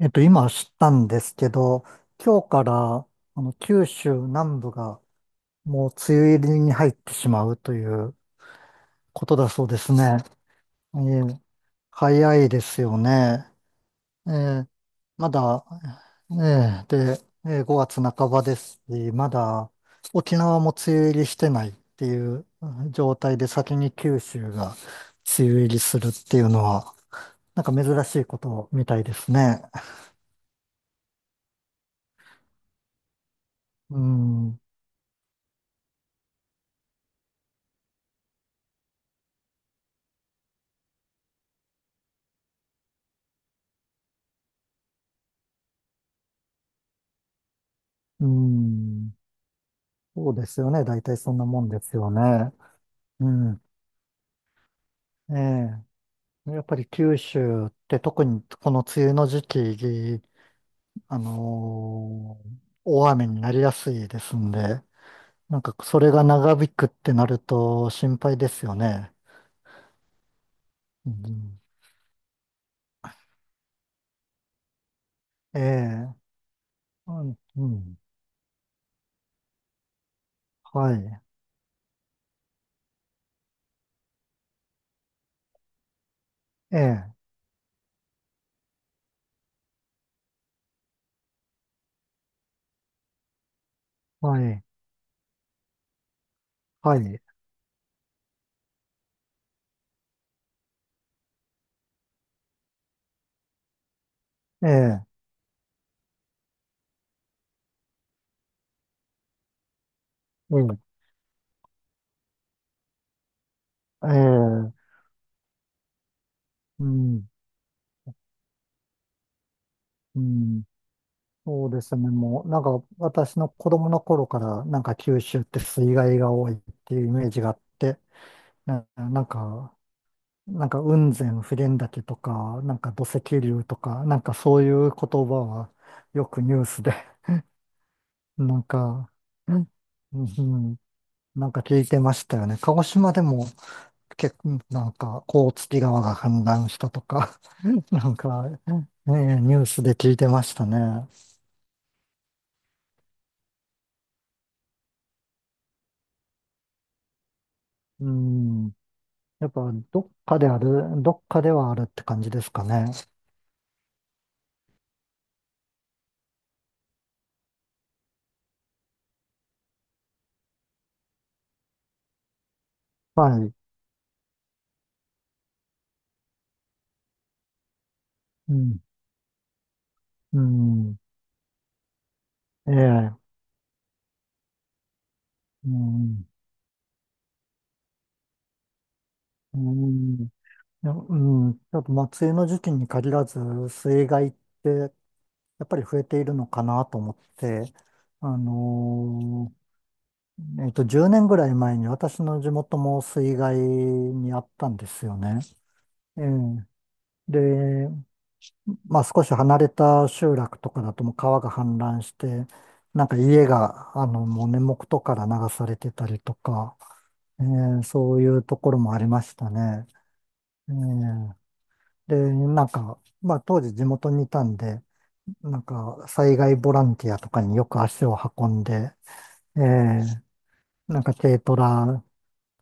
今知ったんですけど、今日から、九州南部がもう梅雨入りに入ってしまうということだそうですね。ええ、早いですよね。ええ、まだ、ええ、で、ええ、5月半ばですし、まだ沖縄も梅雨入りしてないっていう、うん、状態で先に九州が梅雨入りするっていうのは、なんか珍しいことみたいですね。うん、うん、そうですよね。大体そんなもんですよね。うん。ええ。やっぱり九州って特にこの梅雨の時期、大雨になりやすいですんで、なんかそれが長引くってなると心配ですよね。うん、ええ。うん。うん、はい。ええ。はい。はい。ええ。うん、ええ。うん。うん。そうですね。もう、なんか、私の子供の頃から、なんか九州って水害が多いっていうイメージがあって、なんか、なんか雲仙普賢岳とか、なんか土石流とか、なんかそういう言葉はよくニュースで、なんか、うん、うん、なんか聞いてましたよね。鹿児島でも結構、なんか、甲突川が氾濫したとか、なんか、ね、ニュースで聞いてましたね。うん。やっぱ、どっかである、どっかではあるって感じですかね。はい。うん。うん。ええ。うん。うん。いや、うん。やっぱ、まあ、梅雨の時期に限らず、水害って、やっぱり増えているのかなと思って、あの10年ぐらい前に私の地元も水害にあったんですよね。ええ。で、まあ少し離れた集落とかだともう川が氾濫して、なんか家が、もう根元から流されてたりとか、そういうところもありましたね。えーで、なんか、まあ当時地元にいたんで、なんか災害ボランティアとかによく足を運んで、えーなんか軽トラ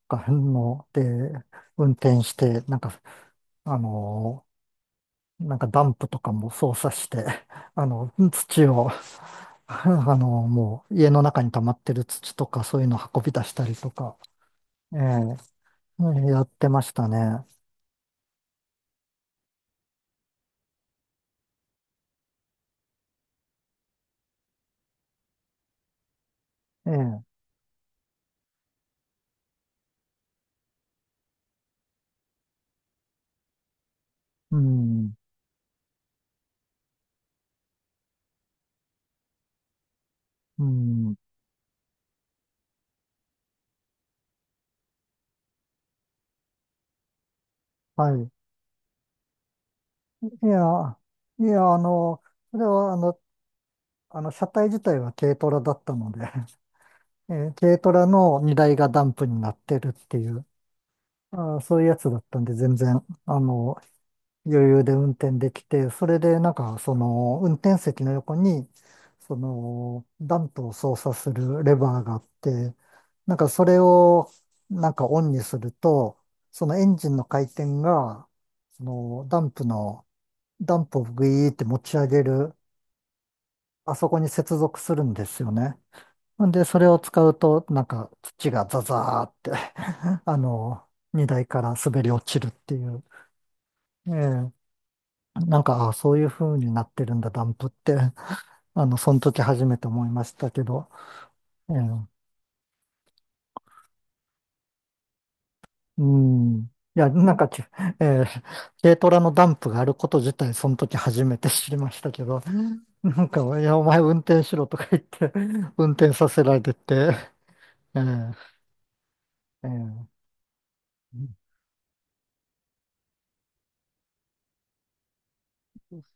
とかので運転して、なんか、あのなんかダンプとかも操作して、土を、あの、もう家の中に溜まってる土とかそういうの運び出したりとか、ええ、うん、やってましたね。ええ、うん、うん、はい。いや、いや、それは、車体自体は軽トラだったので 軽トラの荷台がダンプになってるっていう、あー、そういうやつだったんで、全然、余裕で運転できて、それでなんかその運転席の横にそのダンプを操作するレバーがあって、なんかそれをなんかオンにすると、そのエンジンの回転がそのダンプの、ダンプをグイーって持ち上げる、あそこに接続するんですよね。んで、それを使うと、なんか土がザザーって 荷台から滑り落ちるっていう。ええ、なんか、あ、そういう風になってるんだ、ダンプって。その時初めて思いましたけど。えーうん。いや、なんかえー軽トラのダンプがあること自体、その時初めて知りましたけど、なんか、いや、お前運転しろとか言って、運転させられて、えーえー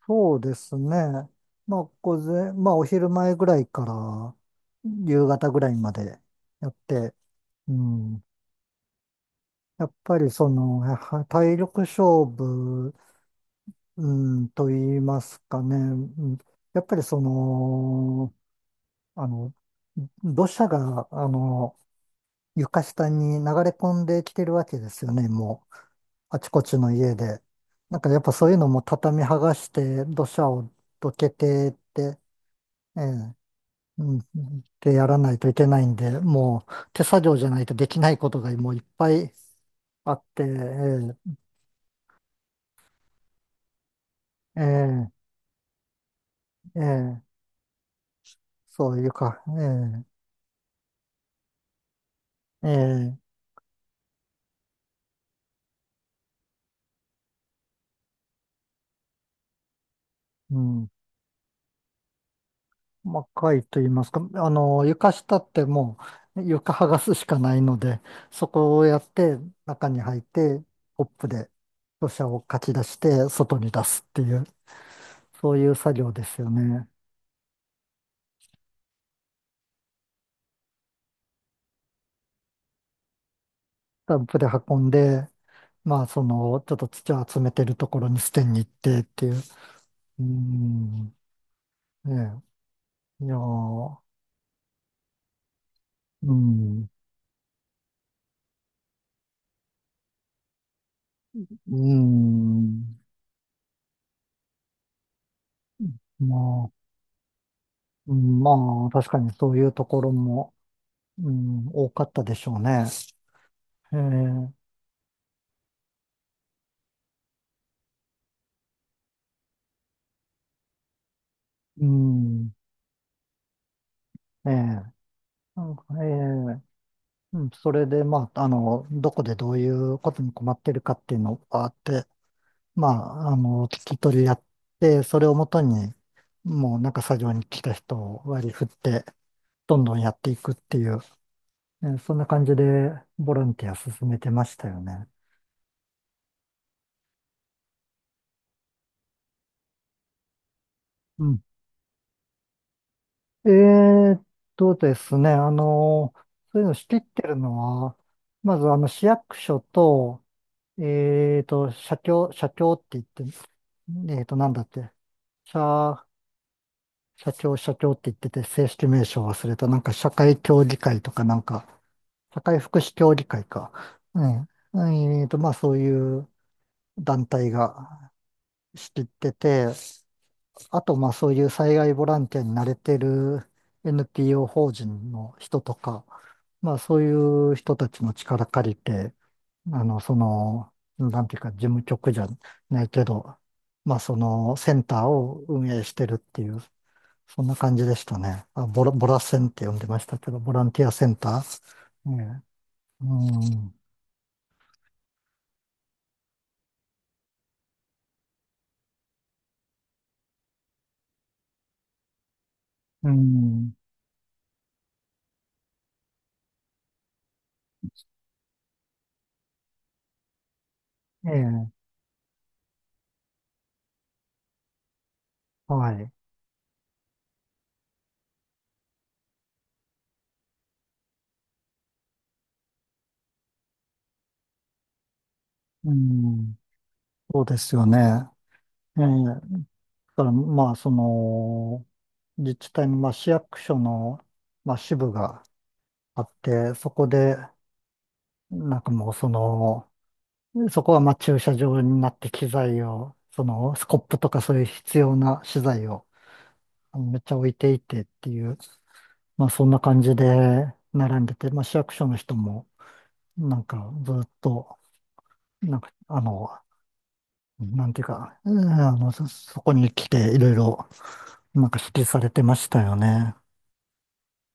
そうですね。まあ、午前、まあ、お昼前ぐらいから夕方ぐらいまでやって、うん。やっぱりその、体力勝負、うん、と言いますかね。うん。やっぱりその、あの、土砂が、床下に流れ込んできてるわけですよね、もう、あちこちの家で。なんかやっぱそういうのも畳剥がして、土砂をどけてって、ええ、うん、ってやらないといけないんで、もう手作業じゃないとできないことがもういっぱいあって、ええ、ええ、ええ、そう、床、ええ、ええ、うん。まあ、貝と言いますか、床下ってもう床剥がすしかないので、そこをやって中に入って、コップで土砂をかき出して外に出すっていう、そういう作業ですよね。ダンプで運んで、まあ、その、ちょっと土を集めてるところに捨てに行ってっていう。うん、ええ、いやー、うん、うん、まあ、うん、まあ、確かにそういうところも、うん、多かったでしょうね。えー、うん、えー、なんかうん、それで、まあ、どこでどういうことに困ってるかっていうのがあって、まあ、聞き取りやって、それをもとに、もうなんか作業に来た人を割り振って、どんどんやっていくっていう、そんな感じでボランティア進めてましたよね。うん。えーっとですね、そういうの仕切ってるのは、まず市役所と、社協、社協って言って、なんだって、社、社協、社協って言ってて、正式名称忘れた、なんか社会協議会とか、なんか、社会福祉協議会か。うん。まあそういう団体が仕切ってて、あと、まあそういう災害ボランティアに慣れてる NPO 法人の人とか、まあそういう人たちの力借りて、その、なんていうか、事務局じゃないけど、まあそのセンターを運営してるっていう、そんな感じでしたね。あ、ボラセンって呼んでましたけど、ボランティアセンター。ね、うん、うん、ええ、はい。うん、そうですよね。ええ、だから、まあ、その、自治体の、まあ、市役所の、まあ、支部があって、そこで、なんかもう、その、そこは、まあ、駐車場になって機材を、その、スコップとかそういう必要な資材を、めっちゃ置いていてっていう、まあ、そんな感じで並んでて、まあ、市役所の人も、なんか、ずっと、なんか、なんていうか、うん、そこに来て、いろいろ、なんか指示されてましたよね。